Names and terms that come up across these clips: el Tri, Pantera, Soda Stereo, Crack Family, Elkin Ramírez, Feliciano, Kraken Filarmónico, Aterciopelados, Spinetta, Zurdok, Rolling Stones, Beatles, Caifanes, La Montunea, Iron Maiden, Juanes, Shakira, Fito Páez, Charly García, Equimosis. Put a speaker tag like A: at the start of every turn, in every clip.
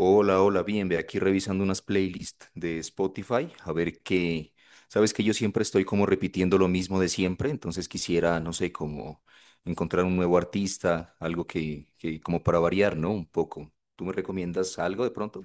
A: Hola, hola, bien, ve aquí revisando unas playlists de Spotify, a ver sabes que yo siempre estoy como repitiendo lo mismo de siempre, entonces quisiera, no sé, como encontrar un nuevo artista, algo que como para variar, ¿no? Un poco. ¿Tú me recomiendas algo de pronto?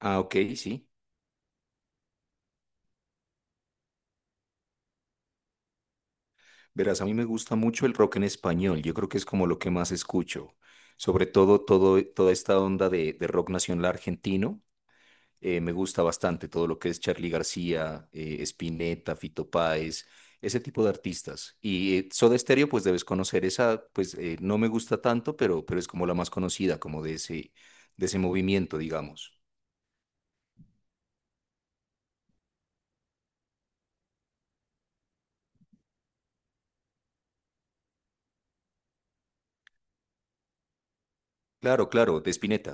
A: Ah, ok, sí. Verás, a mí me gusta mucho el rock en español, yo creo que es como lo que más escucho, sobre todo, toda esta onda de rock nacional argentino. Me gusta bastante todo lo que es Charly García, Spinetta, Fito Páez, ese tipo de artistas. Y Soda Stereo, pues debes conocer esa, pues no me gusta tanto, pero es como la más conocida, como de de ese movimiento, digamos. Claro, claro, de Spinetta.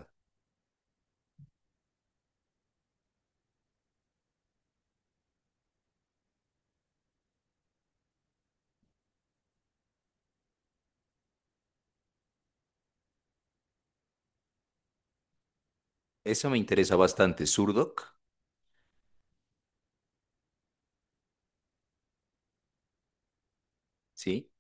A: Esa me interesa bastante. Zurdok, ¿sí?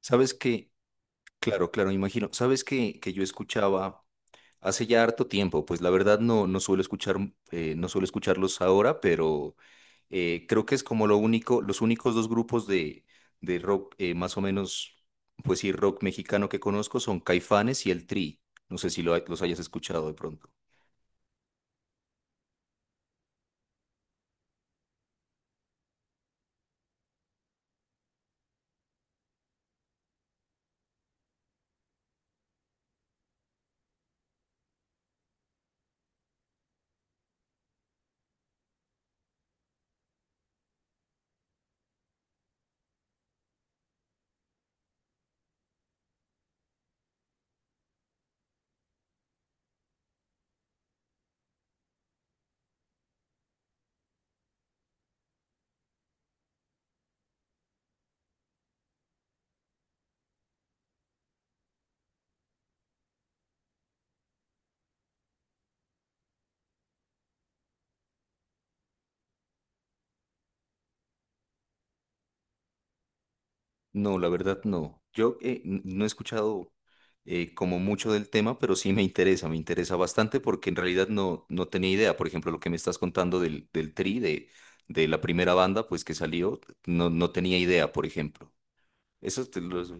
A: ¿Sabes que Claro, claro, me imagino. ¿Sabes que yo escuchaba? Hace ya harto tiempo, pues la verdad no suelo escuchar, no suelo escucharlos ahora, pero creo que es como lo único, los únicos dos grupos de rock, más o menos, pues sí, rock mexicano que conozco son Caifanes y el Tri. No sé si los hayas escuchado de pronto. No, la verdad no. Yo no he escuchado como mucho del tema, pero sí me interesa bastante porque en realidad no tenía idea. Por ejemplo, lo que me estás contando del Tri, de la primera banda, pues que salió, no tenía idea, por ejemplo. Eso te los...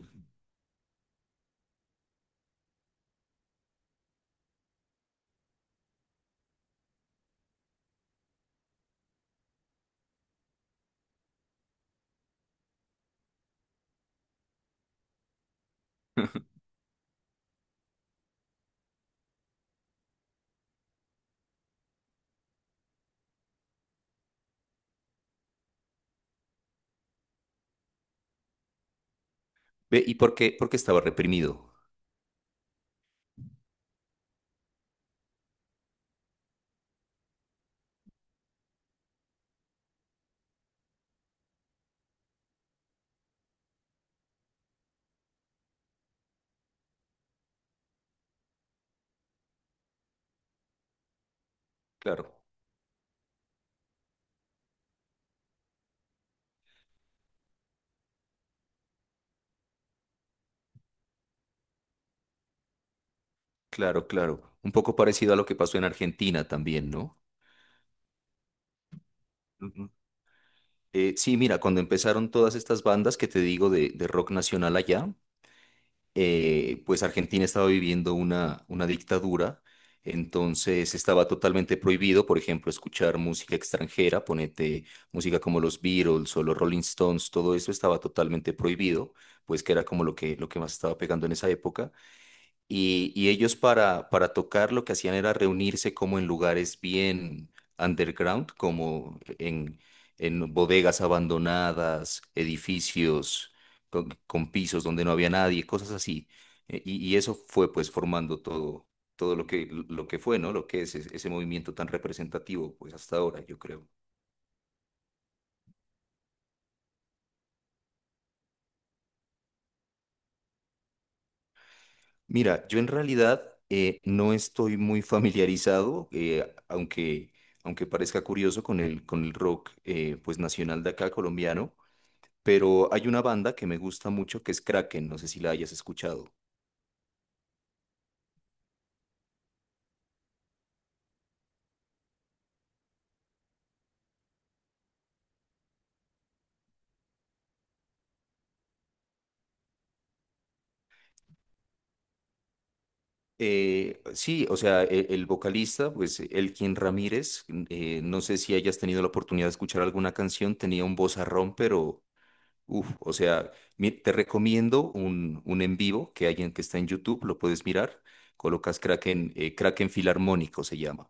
A: Ve, ¿y por qué? Porque estaba reprimido. Claro, claro, claro. Un poco parecido a lo que pasó en Argentina también, ¿no? Ujú. Sí, mira, cuando empezaron todas estas bandas que te digo de rock nacional allá, pues Argentina estaba viviendo una dictadura, entonces estaba totalmente prohibido, por ejemplo, escuchar música extranjera, ponete música como los Beatles o los Rolling Stones, todo eso estaba totalmente prohibido, pues que era como lo lo que más estaba pegando en esa época. Y ellos para tocar lo que hacían era reunirse como en lugares bien underground, como en bodegas abandonadas, edificios con pisos donde no había nadie, cosas así. Y eso fue pues formando todo, todo lo lo que fue, ¿no? Lo que es ese movimiento tan representativo pues hasta ahora, yo creo. Mira, yo en realidad no estoy muy familiarizado, aunque parezca curioso con con el rock pues nacional de acá colombiano, pero hay una banda que me gusta mucho que es Kraken, no sé si la hayas escuchado. Sí, o sea, el vocalista, pues Elkin Ramírez, no sé si hayas tenido la oportunidad de escuchar alguna canción, tenía un vozarrón, pero uf, o sea, te recomiendo un en vivo que hay en que está en YouTube, lo puedes mirar. Colocas Kraken, Kraken Filarmónico se llama.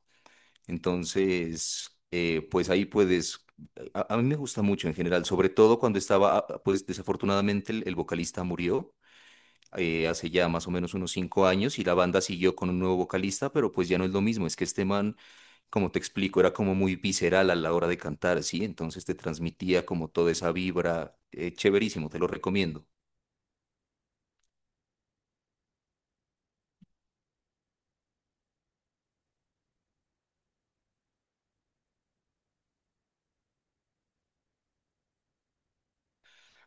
A: Entonces, pues ahí puedes. A mí me gusta mucho en general, sobre todo cuando estaba, ah, pues desafortunadamente el vocalista murió hace ya más o menos unos cinco años y la banda siguió con un nuevo vocalista, pero pues ya no es lo mismo. Es que este man como te explico, era como muy visceral a la hora de cantar, ¿sí? Entonces te transmitía como toda esa vibra, chéverísimo, te lo recomiendo.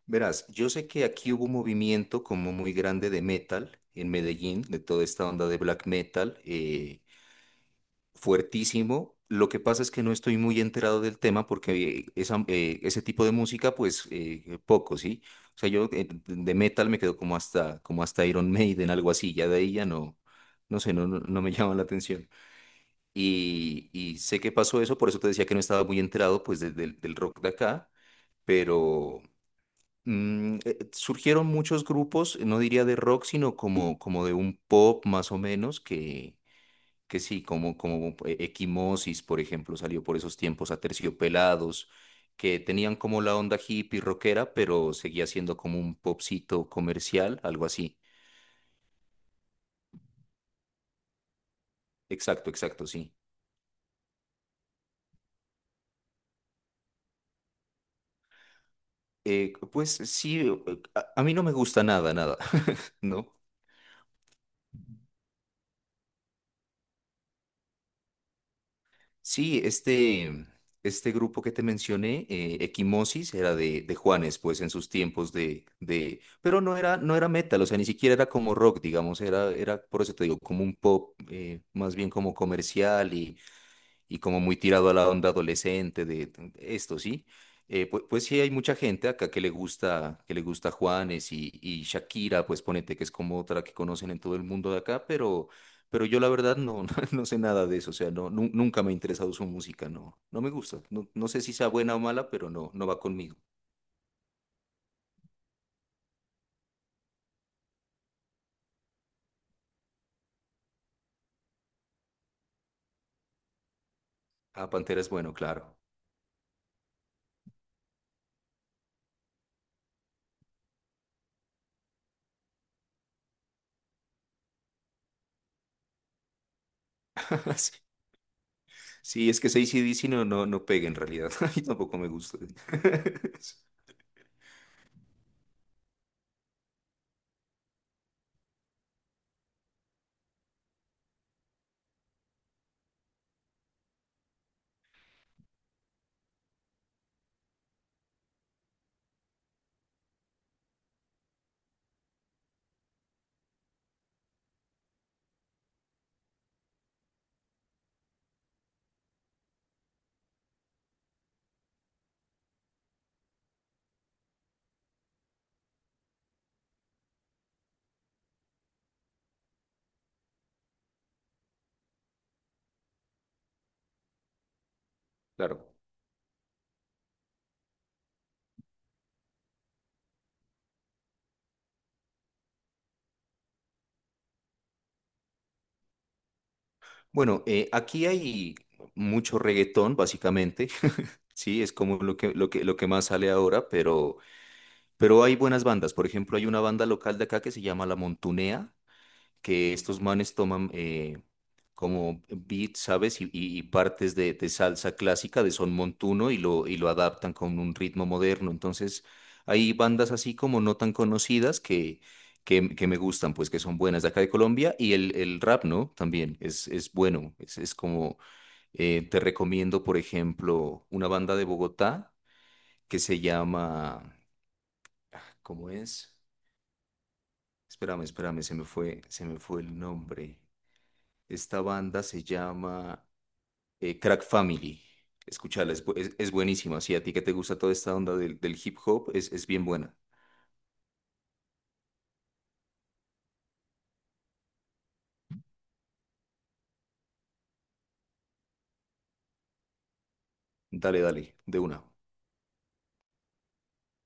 A: Verás, yo sé que aquí hubo un movimiento como muy grande de metal en Medellín, de toda esta onda de black metal, fuertísimo. Lo que pasa es que no estoy muy enterado del tema porque ese tipo de música, pues poco, ¿sí? O sea, yo de metal me quedo como hasta Iron Maiden, algo así, ya de ahí ya no, no sé, no me llama la atención. Y sé que pasó eso, por eso te decía que no estaba muy enterado pues del rock de acá, pero surgieron muchos grupos, no diría de rock, sino como de un pop más o menos, que sí, como Equimosis, por ejemplo, salió por esos tiempos, Aterciopelados, que tenían como la onda hippie rockera, pero seguía siendo como un popcito comercial, algo así. Exacto, exacto, sí. Pues sí, a mí no me gusta nada, nada. ¿No? Sí, este grupo que te mencioné, Equimosis, era de Juanes, pues en sus tiempos pero no era, no era metal, o sea, ni siquiera era como rock, digamos, era, por eso te digo, como un pop, más bien como comercial y como muy tirado a la onda adolescente de esto, ¿sí? Pues sí hay mucha gente acá que le gusta Juanes y Shakira, pues ponete que es como otra que conocen en todo el mundo de acá, pero yo la verdad no, no sé nada de eso, o sea, nunca me ha interesado su música, no me gusta, no, no sé si sea buena o mala, pero no, no va conmigo. Ah, Pantera es bueno, claro. Sí, sí, es que ac no, no pega en realidad. A mí tampoco me gusta. Claro. Bueno, aquí hay mucho reggaetón, básicamente. Sí, es como lo lo que más sale ahora, pero hay buenas bandas. Por ejemplo, hay una banda local de acá que se llama La Montunea, que estos manes toman como beats, ¿sabes? Y partes de salsa clásica, de son montuno, y lo adaptan con un ritmo moderno. Entonces, hay bandas así como no tan conocidas que me gustan, pues que son buenas de acá de Colombia. Y el rap, ¿no? También es bueno, es como te recomiendo, por ejemplo, una banda de Bogotá que se llama, ¿cómo es? Espérame, espérame, se me fue el nombre. Esta banda se llama Crack Family. Escúchala, es buenísima. Si a ti que te gusta toda esta onda del hip hop, es bien buena. Dale, dale, de una.